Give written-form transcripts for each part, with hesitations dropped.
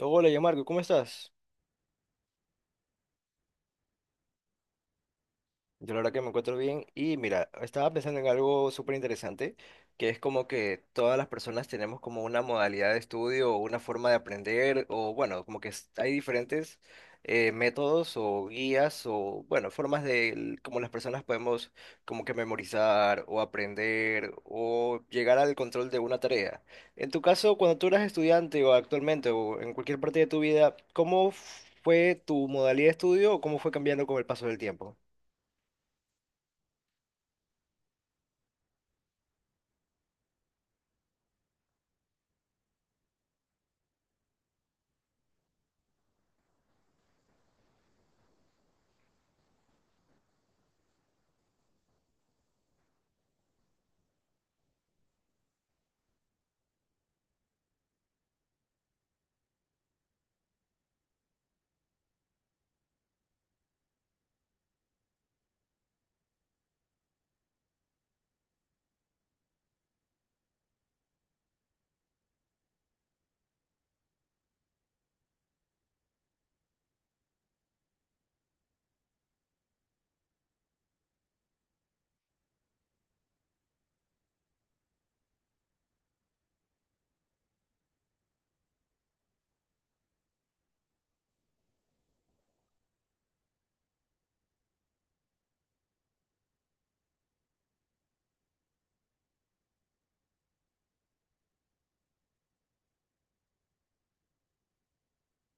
Hola, ya Marco, ¿cómo estás? Yo la verdad que me encuentro bien y mira, estaba pensando en algo súper interesante, que es como que todas las personas tenemos como una modalidad de estudio o una forma de aprender o bueno, como que hay diferentes métodos o guías o bueno, formas de como las personas podemos como que memorizar o aprender o llegar al control de una tarea. En tu caso, cuando tú eras estudiante o actualmente o en cualquier parte de tu vida, ¿cómo fue tu modalidad de estudio o cómo fue cambiando con el paso del tiempo?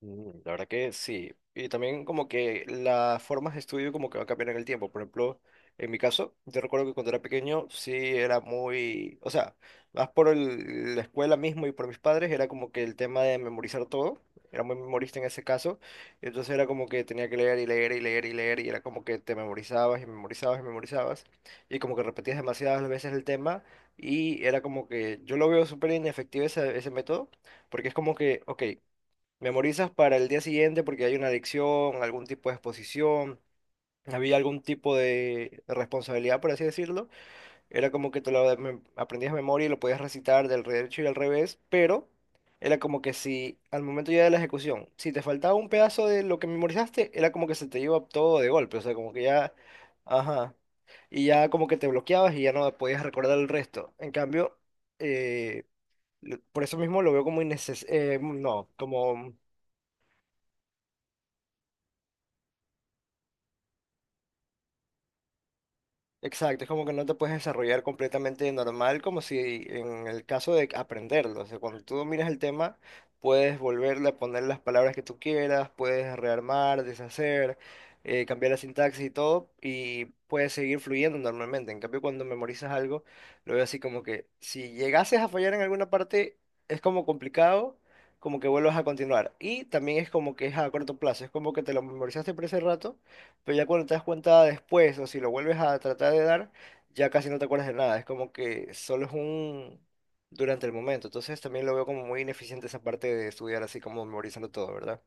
Mm, la verdad que sí. Y también como que las formas de estudio como que va a cambiar en el tiempo. Por ejemplo, en mi caso, yo recuerdo que cuando era pequeño sí era muy, o sea, más por la escuela mismo y por mis padres, era como que el tema de memorizar todo. Era muy memorista en ese caso. Entonces era como que tenía que leer y leer y leer y leer y era como que te memorizabas y memorizabas y memorizabas. Y como que repetías demasiadas veces el tema. Y era como que yo lo veo súper inefectivo ese método. Porque es como que, ok. Memorizas para el día siguiente porque hay una adicción, algún tipo de exposición, había algún tipo de responsabilidad, por así decirlo. Era como que te lo aprendías de memoria y lo podías recitar del derecho y al revés, pero era como que si al momento ya de la ejecución, si te faltaba un pedazo de lo que memorizaste, era como que se te iba todo de golpe, o sea, como que ya, ajá, y ya como que te bloqueabas y ya no podías recordar el resto. En cambio, eh, por eso mismo lo veo como innecesario, no, como... Exacto, es como que no te puedes desarrollar completamente normal, como si en el caso de aprenderlo. O sea, cuando tú miras el tema, puedes volverle a poner las palabras que tú quieras, puedes rearmar, deshacer, cambiar la sintaxis y todo, y puedes seguir fluyendo normalmente. En cambio, cuando memorizas algo, lo veo así como que si llegases a fallar en alguna parte, es como complicado, como que vuelvas a continuar. Y también es como que es a corto plazo, es como que te lo memorizaste por ese rato pero ya cuando te das cuenta después o si lo vuelves a tratar de dar, ya casi no te acuerdas de nada, es como que solo es un durante el momento, entonces también lo veo como muy ineficiente esa parte de estudiar así como memorizando todo, ¿verdad?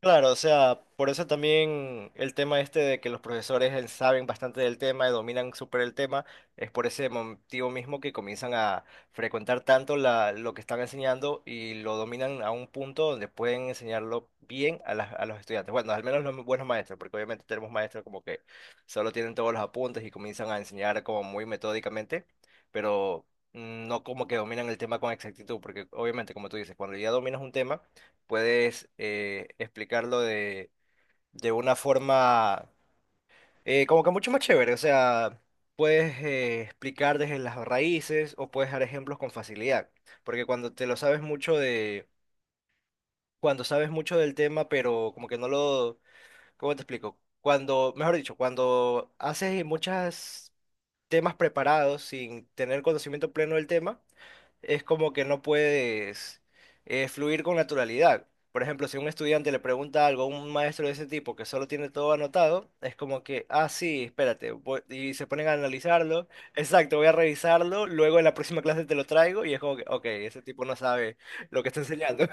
Claro, o sea, por eso también el tema este de que los profesores saben bastante del tema, dominan súper el tema, es por ese motivo mismo que comienzan a frecuentar tanto la, lo que están enseñando y lo dominan a un punto donde pueden enseñarlo bien a, a los estudiantes. Bueno, al menos los buenos maestros, porque obviamente tenemos maestros como que solo tienen todos los apuntes y comienzan a enseñar como muy metódicamente, pero no como que dominan el tema con exactitud, porque obviamente, como tú dices, cuando ya dominas un tema, puedes explicarlo de una forma como que mucho más chévere. O sea, puedes explicar desde las raíces o puedes dar ejemplos con facilidad. Porque cuando te lo sabes mucho de, cuando sabes mucho del tema, pero como que no lo, ¿cómo te explico? Cuando, mejor dicho, cuando haces muchas temas preparados, sin tener conocimiento pleno del tema, es como que no puedes fluir con naturalidad. Por ejemplo, si un estudiante le pregunta algo a un maestro de ese tipo que solo tiene todo anotado, es como que, ah, sí, espérate, y se ponen a analizarlo, exacto, voy a revisarlo, luego en la próxima clase te lo traigo y es como que, ok, ese tipo no sabe lo que está enseñando.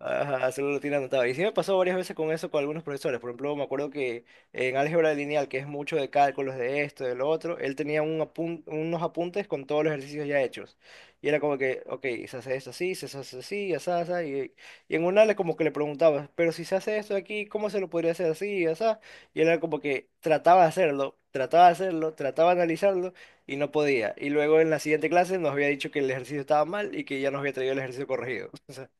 Ajá, solo lo tiene anotado. Y sí me pasó varias veces con eso con algunos profesores. Por ejemplo, me acuerdo que en álgebra lineal, que es mucho de cálculos de esto, de lo otro, él tenía unos apuntes con todos los ejercicios ya hechos. Y era como que, ok, se hace esto así, se hace así, así, asá. Y en una le como que le preguntaba, pero si se hace esto aquí, ¿cómo se lo podría hacer así, así? Y él era como que trataba de hacerlo, trataba de hacerlo, trataba de analizarlo y no podía. Y luego en la siguiente clase nos había dicho que el ejercicio estaba mal y que ya nos había traído el ejercicio corregido.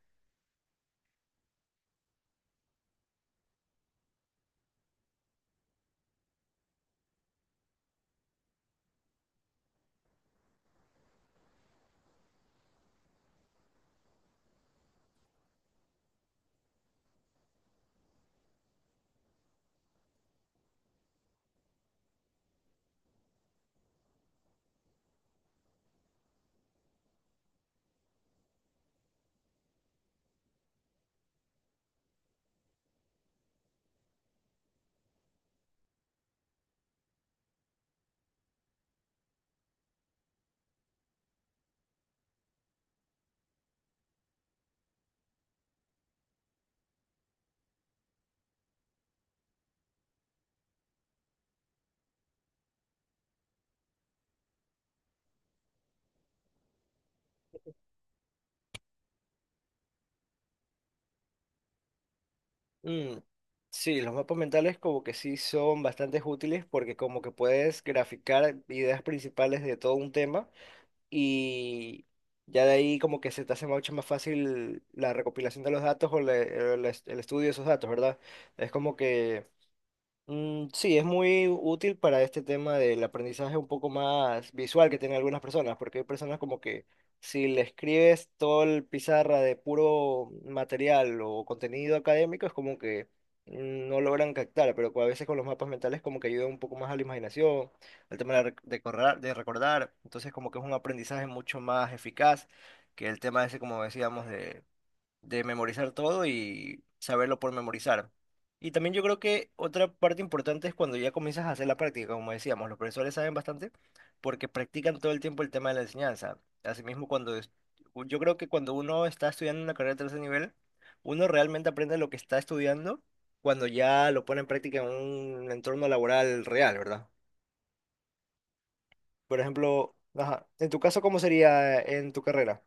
Mm, sí, los mapas mentales como que sí son bastante útiles porque como que puedes graficar ideas principales de todo un tema y ya de ahí como que se te hace mucho más fácil la recopilación de los datos o el estudio de esos datos, ¿verdad? Es como que mm, sí, es muy útil para este tema del aprendizaje un poco más visual que tienen algunas personas, porque hay personas como que si le escribes todo el pizarra de puro material o contenido académico, es como que no logran captar, pero a veces con los mapas mentales como que ayuda un poco más a la imaginación, al tema de, de recordar, entonces como que es un aprendizaje mucho más eficaz que el tema ese, como decíamos, de memorizar todo y saberlo por memorizar. Y también yo creo que otra parte importante es cuando ya comienzas a hacer la práctica, como decíamos, los profesores saben bastante porque practican todo el tiempo el tema de la enseñanza. Asimismo, yo creo que cuando uno está estudiando una carrera de tercer nivel, uno realmente aprende lo que está estudiando cuando ya lo pone en práctica en un entorno laboral real, ¿verdad? Por ejemplo, ajá, en tu caso, ¿cómo sería en tu carrera?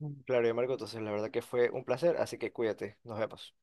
Mm. Claro, y Marco, entonces la verdad que fue un placer, así que cuídate, nos vemos.